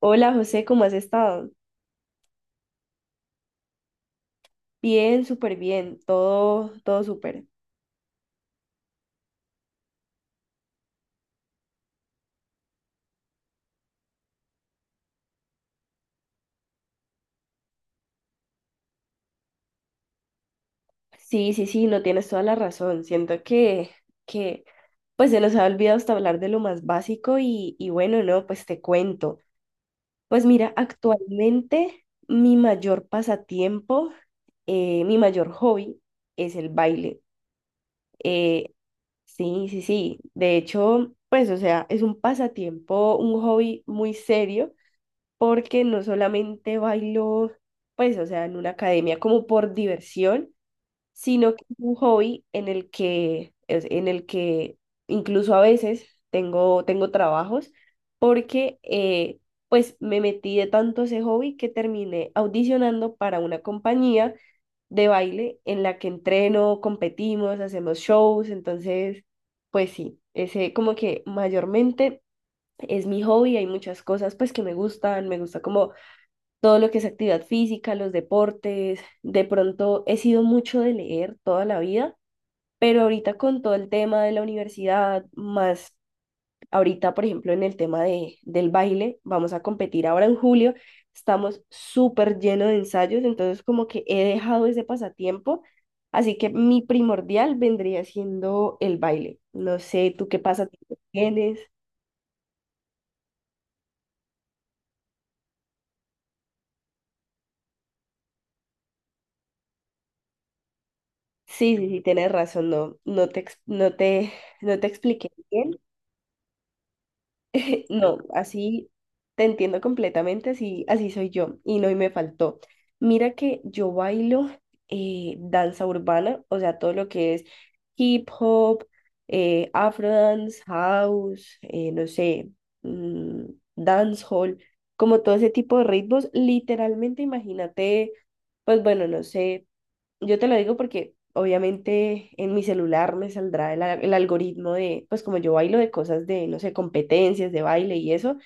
Hola José, ¿cómo has estado? Bien, súper bien, todo súper. Sí, sí, sí, no tienes toda la razón. Siento que pues se nos ha olvidado hasta hablar de lo más básico y bueno, no, pues te cuento. Pues mira, actualmente mi mayor pasatiempo, mi mayor hobby es el baile. Eh, sí, sí, sí. De hecho, pues, o sea, es un pasatiempo, un hobby muy serio porque no solamente bailo, pues, o sea, en una academia como por diversión, sino que es un hobby en el que incluso a veces tengo trabajos, porque pues me metí de tanto a ese hobby que terminé audicionando para una compañía de baile en la que entreno, competimos, hacemos shows. Entonces, pues sí, ese como que mayormente es mi hobby. Hay muchas cosas pues que me gustan, me gusta como todo lo que es actividad física, los deportes. De pronto he sido mucho de leer toda la vida, pero ahorita con todo el tema de la universidad, más ahorita, por ejemplo, en el tema del baile, vamos a competir ahora en julio, estamos súper llenos de ensayos, entonces como que he dejado ese pasatiempo. Así que mi primordial vendría siendo el baile. No sé, ¿tú qué pasatiempo tienes? Sí, sí, sí, tienes razón. No, no te, ex- no te, no te expliqué bien. No, así te entiendo completamente, así soy yo. Y no, y me faltó. Mira que yo bailo danza urbana, o sea, todo lo que es hip hop, afro dance, house, no sé, mm, dancehall, como todo ese tipo de ritmos, literalmente imagínate, pues bueno, no sé. Yo te lo digo porque obviamente en mi celular me saldrá el algoritmo de, pues como yo bailo de cosas de, no sé, competencias de baile y eso,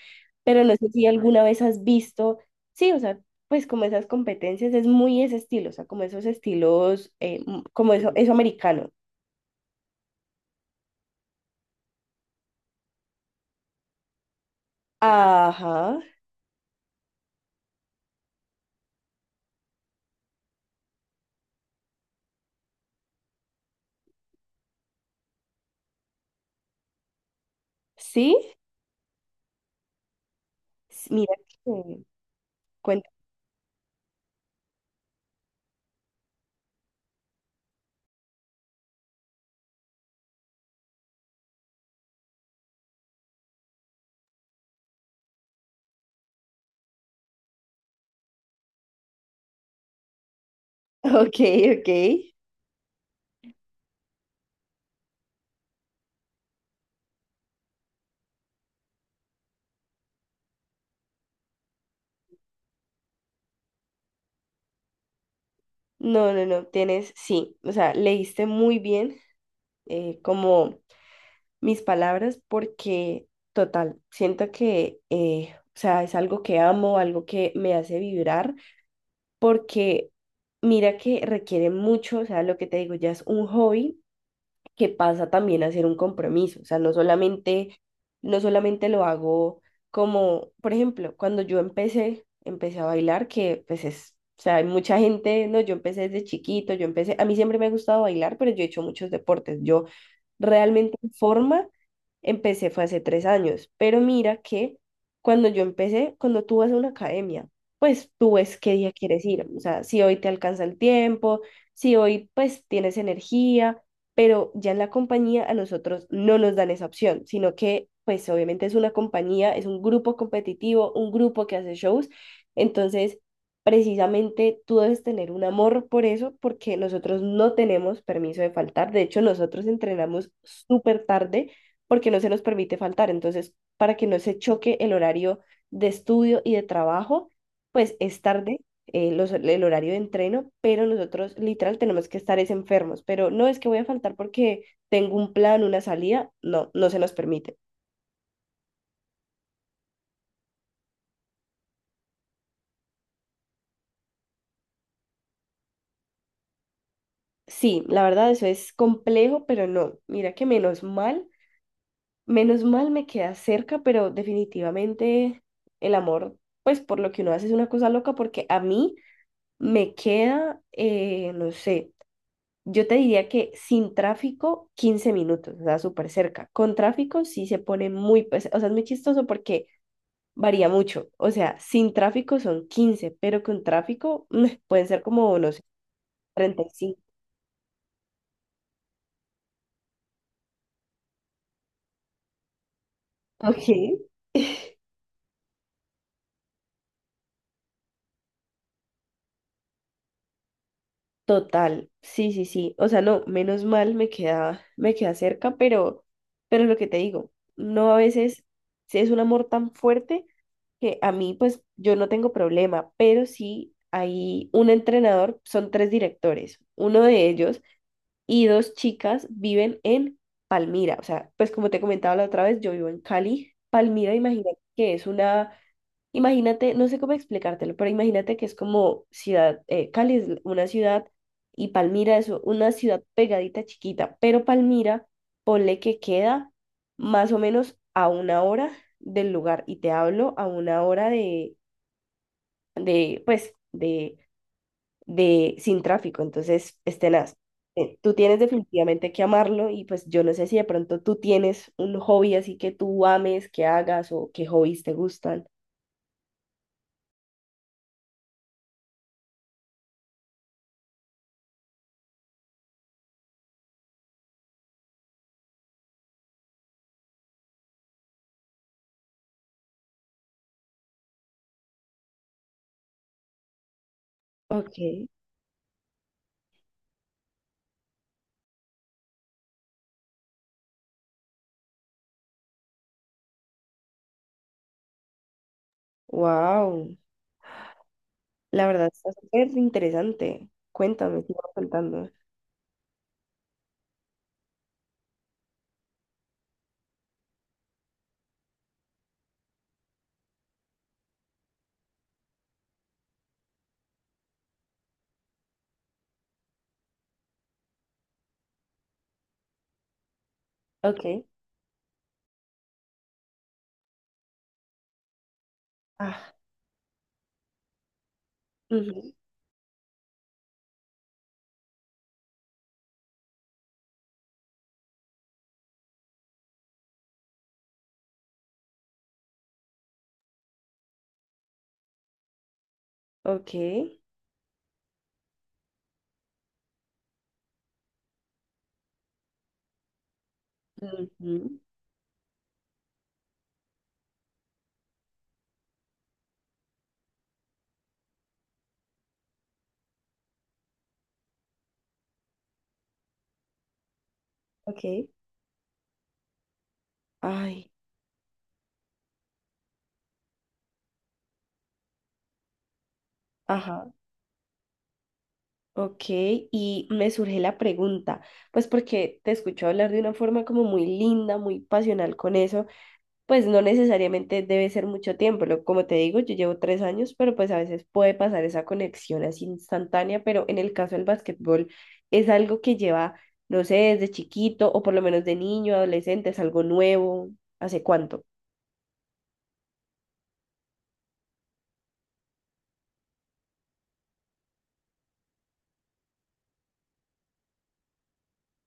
pero no sé si alguna vez has visto. Sí, o sea, pues como esas competencias es muy ese estilo, o sea, como esos estilos, como eso americano. Ajá, sí, mira que cuenta. Ok, ok. No, no, no, tienes, sí, o sea, leíste muy bien, como mis palabras, porque total, siento que, o sea, es algo que amo, algo que me hace vibrar, porque mira que requiere mucho, o sea, lo que te digo, ya es un hobby que pasa también a hacer un compromiso, o sea, no solamente lo hago como, por ejemplo, cuando yo empecé a bailar, que pues es, o sea, hay mucha gente, no, yo empecé desde chiquito. A mí siempre me ha gustado bailar, pero yo he hecho muchos deportes, yo realmente en forma empecé fue hace 3 años, pero mira que cuando tú vas a una academia, pues tú ves qué día quieres ir, o sea, si hoy te alcanza el tiempo, si hoy pues tienes energía, pero ya en la compañía a nosotros no nos dan esa opción, sino que pues obviamente es una compañía, es un grupo competitivo, un grupo que hace shows. Entonces precisamente tú debes tener un amor por eso porque nosotros no tenemos permiso de faltar. De hecho, nosotros entrenamos súper tarde porque no se nos permite faltar, entonces para que no se choque el horario de estudio y de trabajo, pues es tarde, el horario de entreno, pero nosotros literal tenemos que estar es enfermos, pero no es que voy a faltar porque tengo un plan, una salida, no, no se nos permite. Sí, la verdad eso es complejo, pero no, mira que menos mal me queda cerca, pero definitivamente el amor, pues por lo que uno hace es una cosa loca, porque a mí me queda, no sé. Yo te diría que sin tráfico, 15 minutos, o sea, súper cerca. Con tráfico sí se pone muy, pues, o sea, es muy chistoso porque varía mucho. O sea, sin tráfico son 15, pero con tráfico, pueden ser como, no sé, 35. Ok. Total, sí, sí, sí. O sea, no, menos mal me queda cerca, pero lo que te digo, no, a veces sí es un amor tan fuerte que a mí, pues, yo no tengo problema, pero sí hay un entrenador, son tres directores. Uno de ellos y dos chicas viven en Palmira. O sea, pues como te comentaba la otra vez, yo vivo en Cali. Palmira, imagínate que imagínate, no sé cómo explicártelo, pero imagínate que es como ciudad, Cali es una ciudad y Palmira es una ciudad pegadita chiquita, pero Palmira, ponle que queda más o menos a 1 hora del lugar y te hablo a 1 hora de pues, de sin tráfico, entonces es tenaz. Tú tienes definitivamente que amarlo y pues yo no sé si de pronto tú tienes un hobby así que tú ames, que hagas o qué hobbies te gustan. Ok, wow, la verdad está súper interesante. Cuéntame, sigo contando. Ok, ah, ujú, ok, ujú, ok, ay, ajá, ok. Y me surge la pregunta, pues porque te escucho hablar de una forma como muy linda, muy pasional con eso. Pues no necesariamente debe ser mucho tiempo. Como te digo, yo llevo 3 años, pero pues a veces puede pasar esa conexión así instantánea, pero en el caso del básquetbol es algo que lleva, no sé, desde chiquito o por lo menos de niño, adolescente, es algo nuevo. ¿Hace cuánto?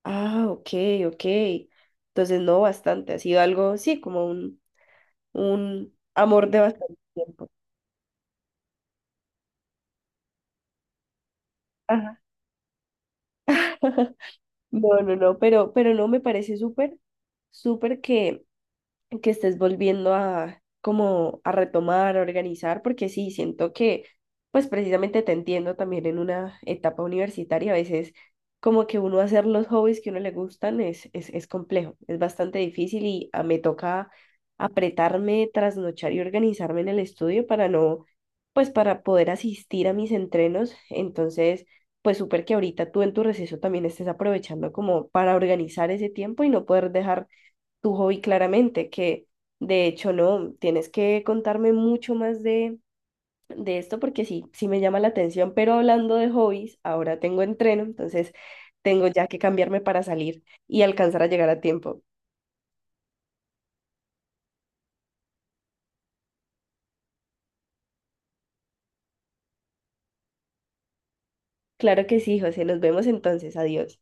Ah, ok, ok. Entonces no, bastante, ha sido algo, sí, como un amor de bastante tiempo. Ajá. No, no, no, pero no me parece súper, súper que estés volviendo a como a retomar, a organizar, porque sí, siento que pues precisamente te entiendo también en una etapa universitaria, a veces como que uno hacer los hobbies que a uno le gustan es, complejo, es bastante difícil y me toca apretarme, trasnochar y organizarme en el estudio para no, pues para poder asistir a mis entrenos, entonces... Pues súper que ahorita tú en tu receso también estés aprovechando como para organizar ese tiempo y no poder dejar tu hobby claramente, que de hecho no, tienes que contarme mucho más de esto porque sí, sí me llama la atención, pero hablando de hobbies, ahora tengo entreno, entonces tengo ya que cambiarme para salir y alcanzar a llegar a tiempo. Claro que sí, José, nos vemos entonces, adiós.